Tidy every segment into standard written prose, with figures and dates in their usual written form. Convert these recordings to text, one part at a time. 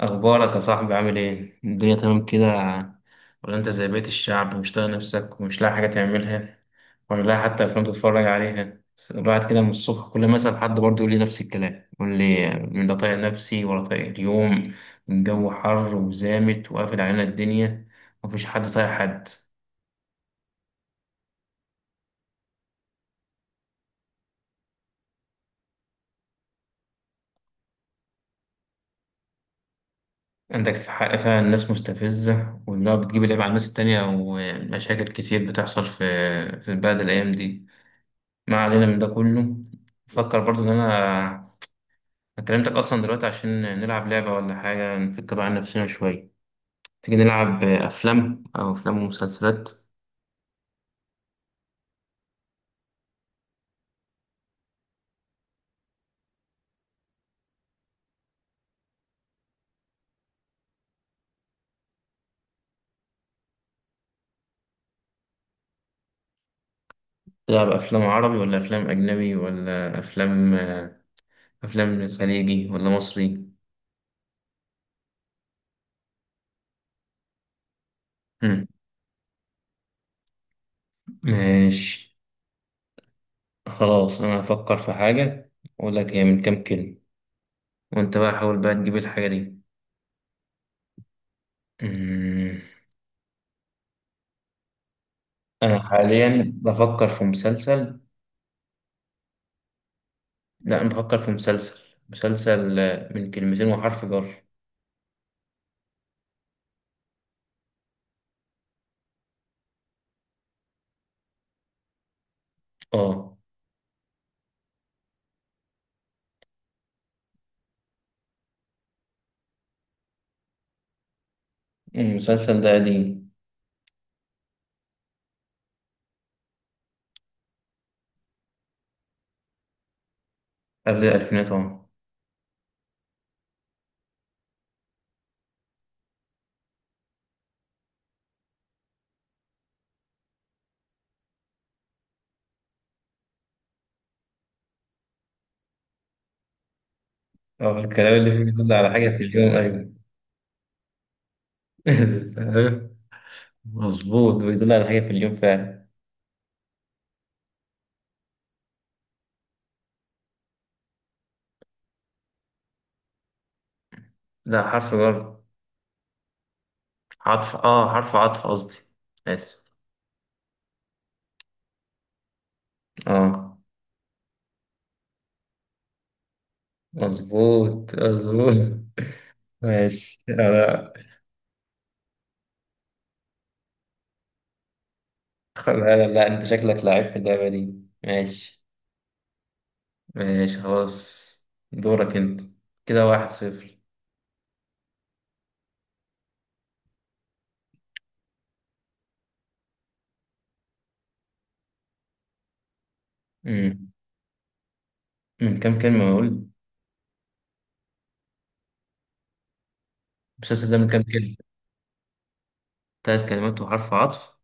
أخبارك يا صاحبي، عامل إيه؟ الدنيا تمام كده، ولا أنت زي بقية الشعب ومش طايق نفسك ومش لاقي حاجة تعملها ولا لاقي حتى أفلام تتفرج عليها؟ بس الواحد كده من الصبح، كل ما أسأل حد برضه يقول لي نفس الكلام، يقول لي لا طايق نفسي ولا طايق اليوم. الجو حر وزامت وقافل علينا الدنيا، مفيش حد طايق حد. عندك في حق فعلا، الناس مستفزة وإنها بتجيب العيب على الناس التانية، ومشاكل كتير بتحصل في البلد الأيام دي. ما علينا من ده كله. بفكر برضو ان انا كلمتك اصلا دلوقتي عشان نلعب لعبة ولا حاجة، نفك بقى عن نفسنا شوية. تيجي نلعب افلام او افلام ومسلسلات؟ تلعب افلام عربي ولا افلام اجنبي ولا افلام خليجي ولا مصري؟ هم. ماشي، خلاص انا هفكر في حاجة، اقول لك هي من كام كلمة، وانت بقى حاول بقى تجيب الحاجة دي. أمم. انا حاليا بفكر في مسلسل. لا، أنا بفكر في مسلسل، من كلمتين وحرف جر. اه، المسلسل ده قديم، قبل الألفينات، اه. اه، الكلام اللي فيه بيدل على حاجة في اليوم، أيوة. فاهم؟ مظبوط، بيدل على حاجة في اليوم فعلا. لا حرف جر، عطف، اه حرف عطف قصدي، آسف. اه، مظبوط مظبوط. ماشي. لا، لا، لا، انت شكلك لعيب في اللعبة دي. ماشي، ماشي خلاص، دورك انت. كده واحد صفر. مم. من كام كلمة بقول؟ المسلسل ده من كام كلمة؟ تلات كلمات وحرف عطف،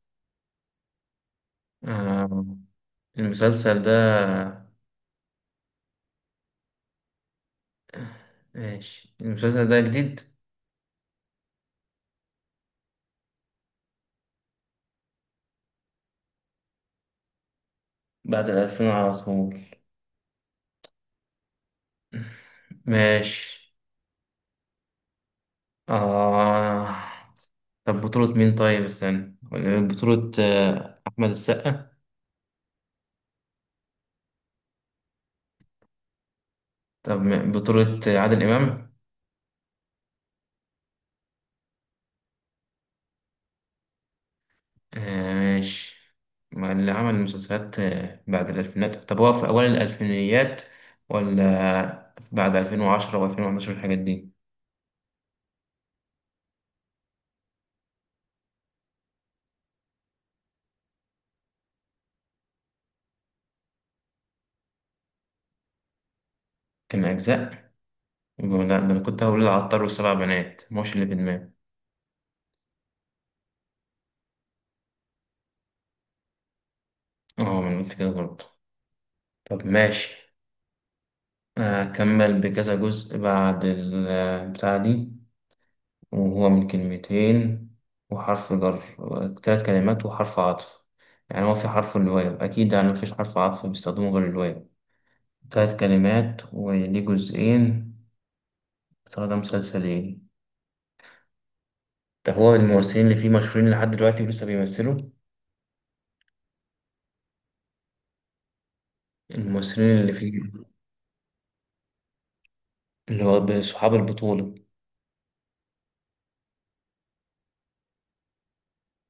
آه. المسلسل ده، ماشي، المسلسل ده جديد، بعد الألفين على طول. ماشي، آه. طب بطولة مين؟ طيب استنى، بطولة أحمد السقا؟ طب بطولة عادل إمام؟ آه ماشي. ما اللي عمل المسلسلات بعد الألفينات، طب هو في أوائل الألفينيات ولا بعد 2010 و2011 الحاجات دي؟ كان أجزاء؟ يبقى لا، ده أنا كنت هقول العطار والسبع بنات، مش اللي في دماغي. اه، ما أنا قلت كده برضه. طب ماشي. أكمل بكذا جزء بعد البتاع دي، وهو من كلمتين وحرف جر، ثلاث كلمات وحرف عطف، يعني هو في حرف الواو أكيد، يعني مفيش حرف عطف بيستخدمه غير الواو. ثلاث كلمات وليه جزئين، باستخدام مسلسلين. طب هو الممثلين اللي فيه مشهورين لحد دلوقتي ولسه بيمثلوا؟ الممثلين اللي فيه اللي هو صحاب البطولة،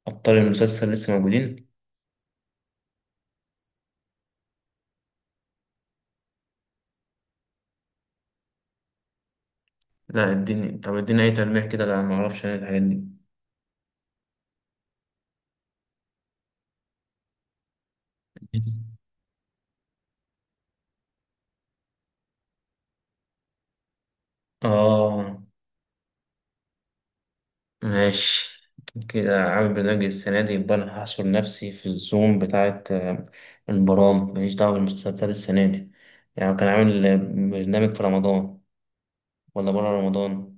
أبطال المسلسل لسه موجودين؟ لا اديني، طب اديني أي تلميح كده، لا معرفش أنا الحاجات دي. آه ماشي، كده عامل برنامج السنة دي، يبقى أنا هحصر نفسي في الزوم بتاعة البرامج، ماليش دعوة بالمسلسلات بتاعت السنة دي. يعني كان عامل برنامج في رمضان ولا بره رمضان؟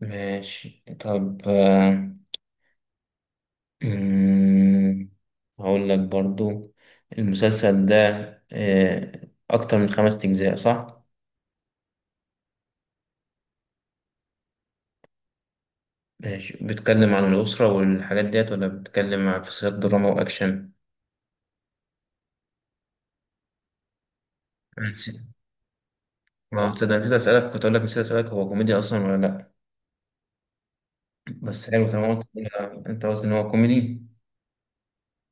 ماشي، طب مم، هقول لك برضو، المسلسل ده آه، أكتر من خمس أجزاء، صح؟ ماشي، بيتكلم عن الأسرة والحاجات ديت ولا بيتكلم عن في سياق دراما وأكشن؟ أنا نسيت، ما هو تصدق نسيت أسألك، كنت أقول لك نسيت أسألك هو كوميدي أصلا ولا لأ؟ بس حلو تمام. أنت قلت إن هو كوميدي.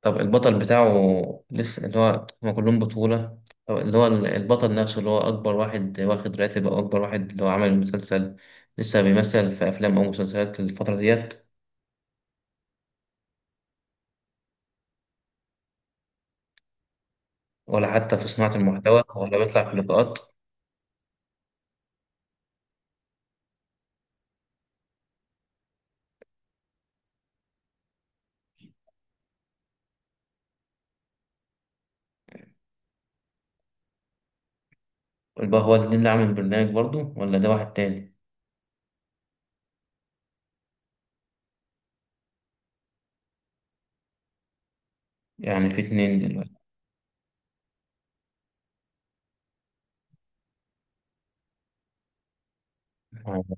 طب البطل بتاعه لسه، اللي هو هما كلهم بطولة، طب اللي هو البطل نفسه اللي هو أكبر واحد واخد راتب، أو أكبر واحد اللي هو عمل المسلسل، لسه بيمثل في أفلام أو مسلسلات الفترة ديت؟ ولا حتى في صناعة المحتوى ولا بيطلع في لقاءات؟ يبقى هو الاتنين اللي عامل البرنامج برضه ولا ده واحد تاني؟ يعني في اتنين دلوقتي.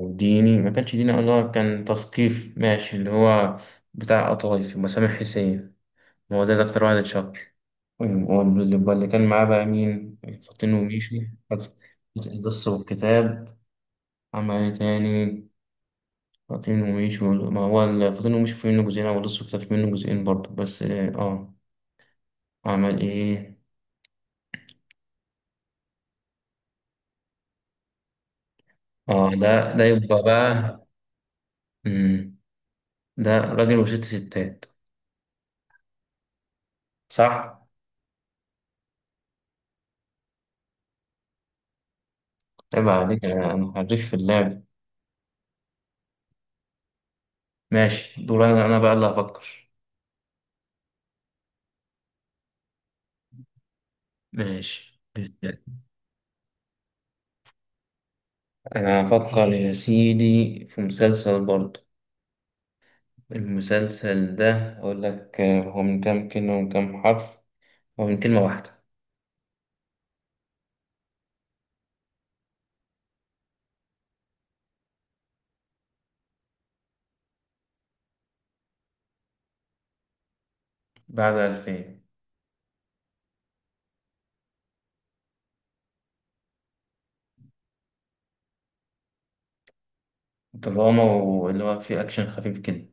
ديني؟ ما كانش ديني، اللي هو كان تثقيف، ماشي. اللي هو بتاع قطايف مسامح حسين، هو ده أكتر واحد اتشهر. واللي كان معاه بقى مين؟ فاطين وميشو؟ القصة والكتاب؟ عمل إيه تاني؟ فاطين وميشو ما هو فاطين وميشو في منه جزئين، أو القصة والكتاب في منه جزئين برضه، بس آه عمل إيه؟ آه ده يبقى بقى. مم. ده راجل وست ستات، صح؟ عيب عليك، أنا حريف في اللعب. ماشي، دور أنا بقى اللي هفكر. ماشي، أنا هفكر يا سيدي في مسلسل برضه. المسلسل ده أقول لك هو من كام كلمة ومن كام حرف. هو من كلمة واحدة، بعد ألفين، دراما، واللي هو فيه أكشن خفيف كده.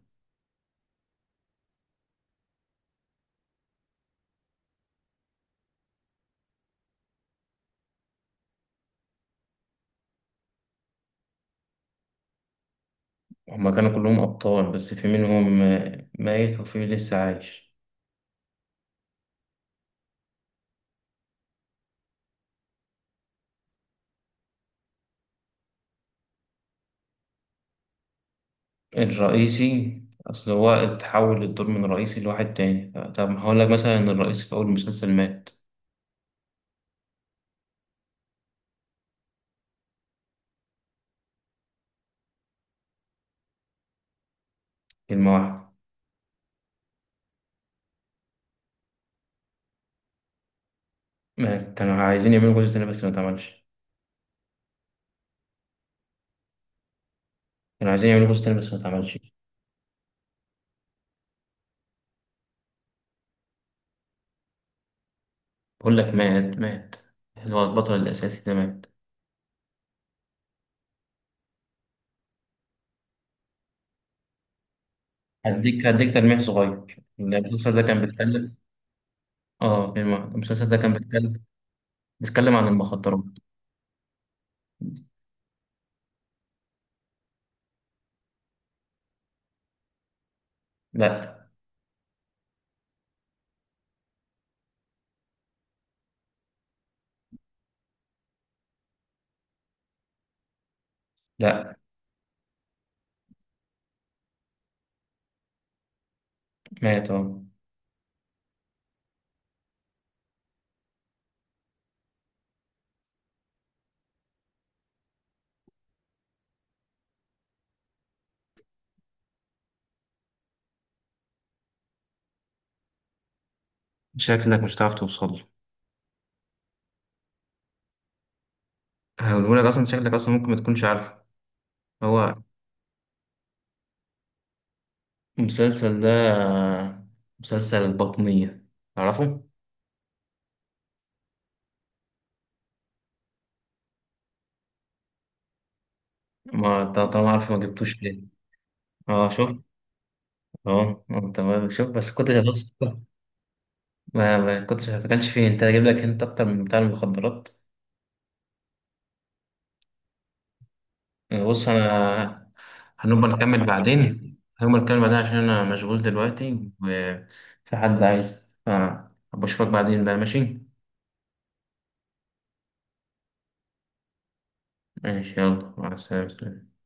هما كانوا كلهم أبطال، بس في منهم ميت وفي لسه عايش. الرئيسي، أصل هو اتحول الدور من رئيسي لواحد تاني، طب هقول لك مثلا إن الرئيسي في أول المسلسل مات. كلمة واحدة. ما كانوا عايزين يعملوا جزء تاني بس ما اتعملش، كانوا عايزين يعملوا جزء تاني بس ما اتعملش. بقول لك مات مات، اللي هو البطل الأساسي ده مات. هديك تلميح صغير. إن المسلسل ده كان بيتكلم، اه، المسلسل ده كان بيتكلم عن المخدرات. لا، لا، مات اه. شكلك مش هتعرف توصل له، هقولهولك اصلا، شكلك اصلا ممكن ما تكونش عارفه. هو المسلسل ده مسلسل البطنية، تعرفه؟ ما ط- طالما عارفه، ما جبتوش ليه؟ اه شوف، اه انت ما- شوف بس كنتش هتوصل. ما كنتش، ما كانش فيه انت، هجيب لك انت اكتر من بتاع المخدرات. بص انا، هنبقى نكمل بعدين، هنبقى نكمل بعدين، عشان انا مشغول دلوقتي وفي حد عايز أبقى اشوفك بعدين بقى، ماشي. ماشي، يلا مع السلامة.